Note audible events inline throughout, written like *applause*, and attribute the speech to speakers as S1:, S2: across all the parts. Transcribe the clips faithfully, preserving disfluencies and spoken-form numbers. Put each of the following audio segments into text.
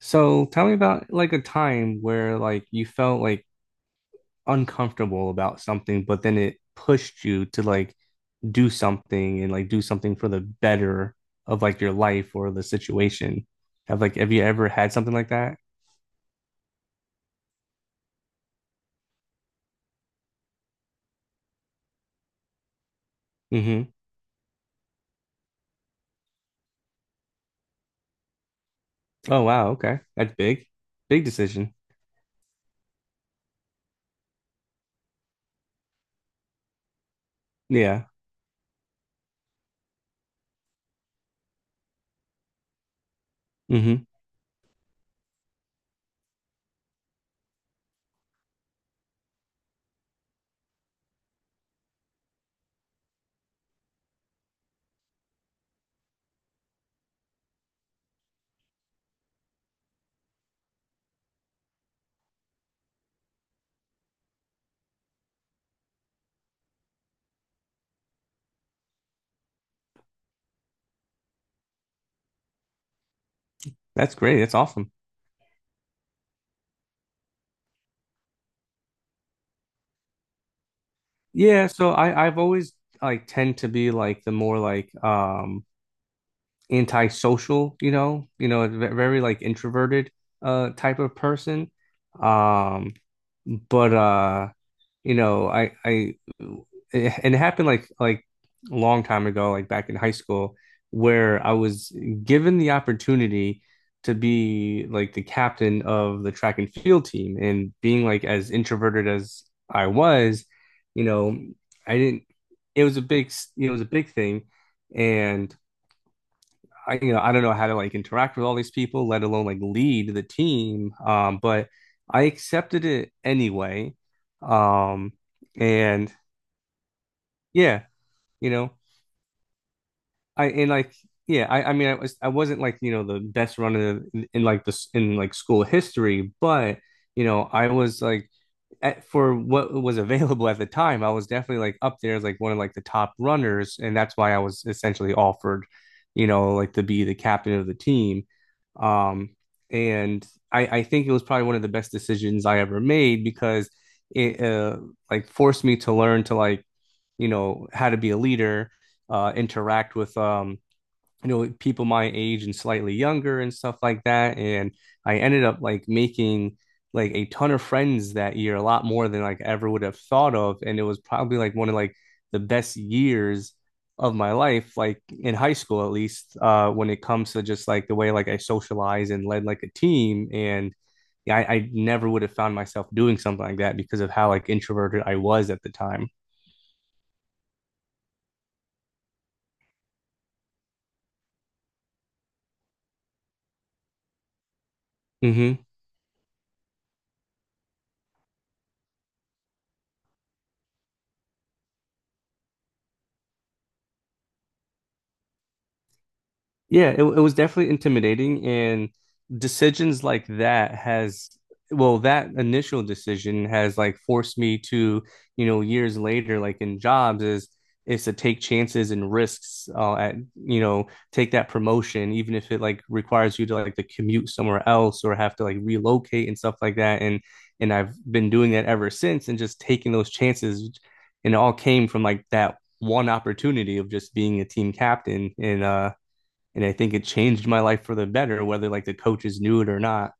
S1: So tell me about, like, a time where, like, you felt like uncomfortable about something, but then it pushed you to, like, do something and, like, do something for the better of, like, your life or the situation. Have like have you ever had something like that? Hmm. Oh wow, okay. That's big. Big decision. Yeah. Hmm. That's great. That's awesome. Yeah, so I I've always like tend to be like the more like um antisocial, you know, you know, ve- very like introverted uh type of person. Um, but uh, you know, I I it, and it happened like like a long time ago, like back in high school, where I was given the opportunity to be like the captain of the track and field team, and being like as introverted as I was, you know, I didn't. It was a big, s- you know, it was a big thing, and I, you know, I don't know how to like interact with all these people, let alone like lead the team. Um, but I accepted it anyway. Um, and yeah, you know, I and like Yeah, I, I mean, I was I wasn't like you know the best runner in, in like this in like school history, but you know, I was like at, for what was available at the time, I was definitely like up there as like one of like the top runners, and that's why I was essentially offered, you know, like to be the captain of the team. Um, and I, I think it was probably one of the best decisions I ever made because it uh, like forced me to learn to like you know how to be a leader, uh, interact with um you know people my age and slightly younger and stuff like that, and I ended up like making like a ton of friends that year, a lot more than like I ever would have thought of, and it was probably like one of like the best years of my life, like in high school at least, uh when it comes to just like the way like I socialize and led like a team. And yeah, I, I never would have found myself doing something like that because of how like introverted I was at the time. Hmm. Yeah, it, it was definitely intimidating, and decisions like that has well that initial decision has like forced me to, you know, years later like in jobs is is to take chances and risks, uh, at you know take that promotion, even if it like requires you to like to commute somewhere else or have to like relocate and stuff like that. And and I've been doing that ever since and just taking those chances, and it all came from like that one opportunity of just being a team captain. And uh and I think it changed my life for the better, whether like the coaches knew it or not.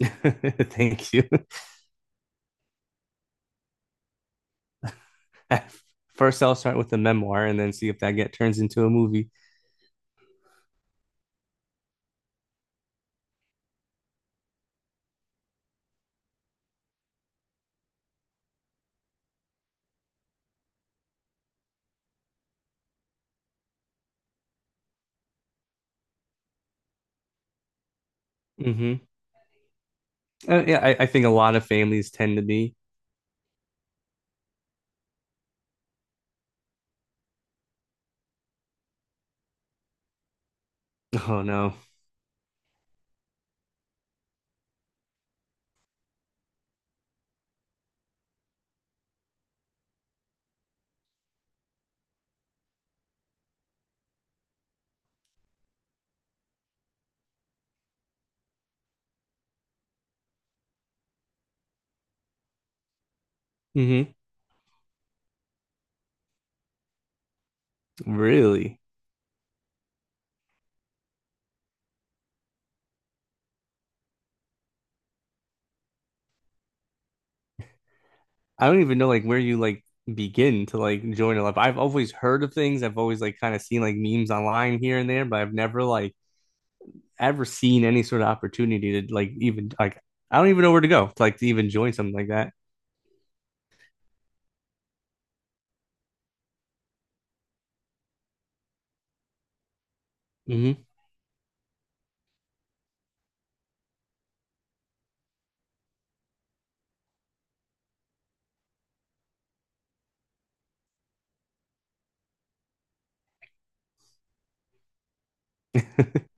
S1: *laughs* Thank you. *laughs* First, I'll start with the memoir and then see if that get turns into a movie. Hmm. Yeah, I, I think a lot of families tend to be. *laughs* Oh no. Hmm. Really? I don't even know like where you like begin to like join a life. I've always heard of things. I've always like kind of seen like memes online here and there, but I've never like ever seen any sort of opportunity to like even like I don't even know where to go to like to even join something like that. Hmm. *laughs*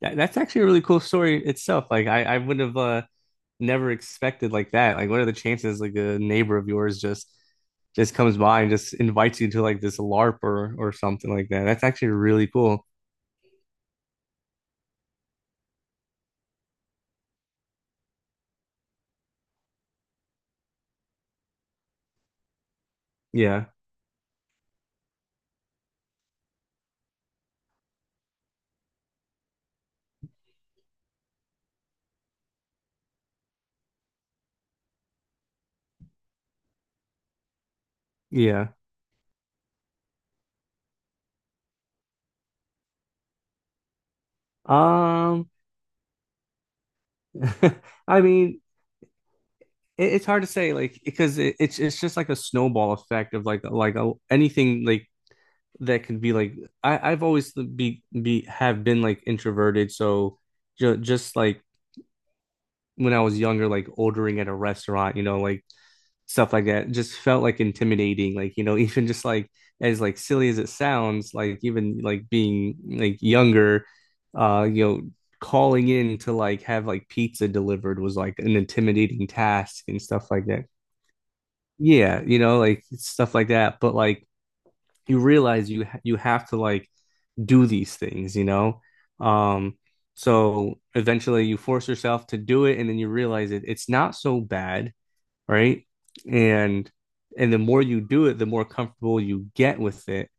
S1: That, that's actually a really cool story itself. Like I, I would have uh never expected like that. Like what are the chances like a neighbor of yours just just comes by and just invites you to like this LARP or or something like that. That's actually really cool. Yeah. Yeah. Um. *laughs* I mean, it, it's hard to say, like because it, it's it's just like a snowball effect of like like a, anything like that can be like I I've always be be have been like introverted, so ju just like when I was younger, like ordering at a restaurant, you know, like stuff like that just felt like intimidating, like you know, *laughs* even just like as like silly as it sounds, like even like being like younger, uh you know, calling in to like have like pizza delivered was like an intimidating task and stuff like that. Yeah, you know, like stuff like that, but like you realize you ha- you have to like do these things, you know. Um so eventually you force yourself to do it, and then you realize it it's not so bad, right? And and the more you do it, the more comfortable you get with it.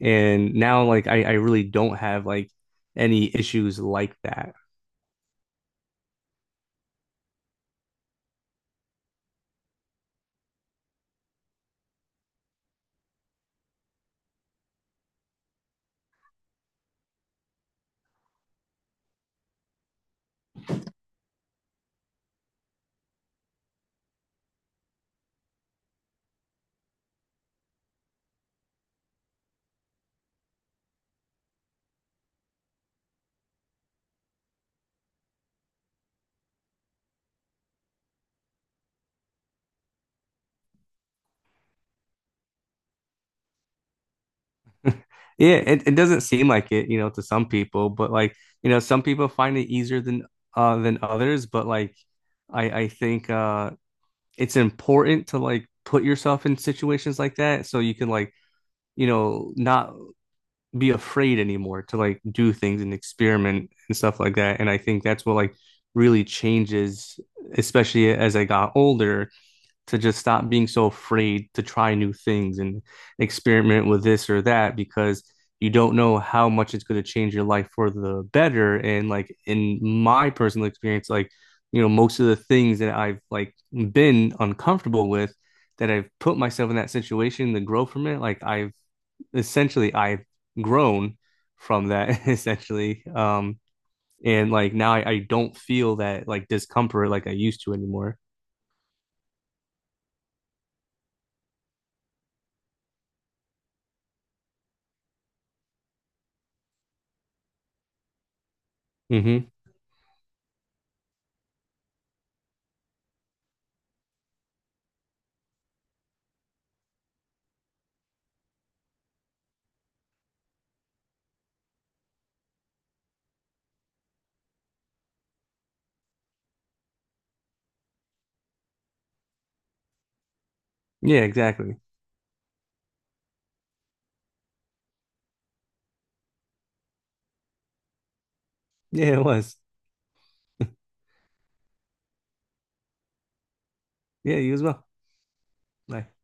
S1: And now, like, I, I really don't have like any issues like that. Yeah, it, it doesn't seem like it, you know, to some people, but like, you know, some people find it easier than uh than others, but like I I think uh it's important to like put yourself in situations like that so you can like, you know, not be afraid anymore to like do things and experiment and stuff like that. And I think that's what like really changes, especially as I got older, to just stop being so afraid to try new things and experiment with this or that, because you don't know how much it's going to change your life for the better. And like in my personal experience, like, you know, most of the things that I've like been uncomfortable with, that I've put myself in that situation to grow from it, like I've essentially I've grown from that *laughs* essentially. Um, and like now I, I don't feel that like discomfort like I used to anymore. Hmm. Yeah, exactly. Yeah, it was. Yeah, you as well. Bye.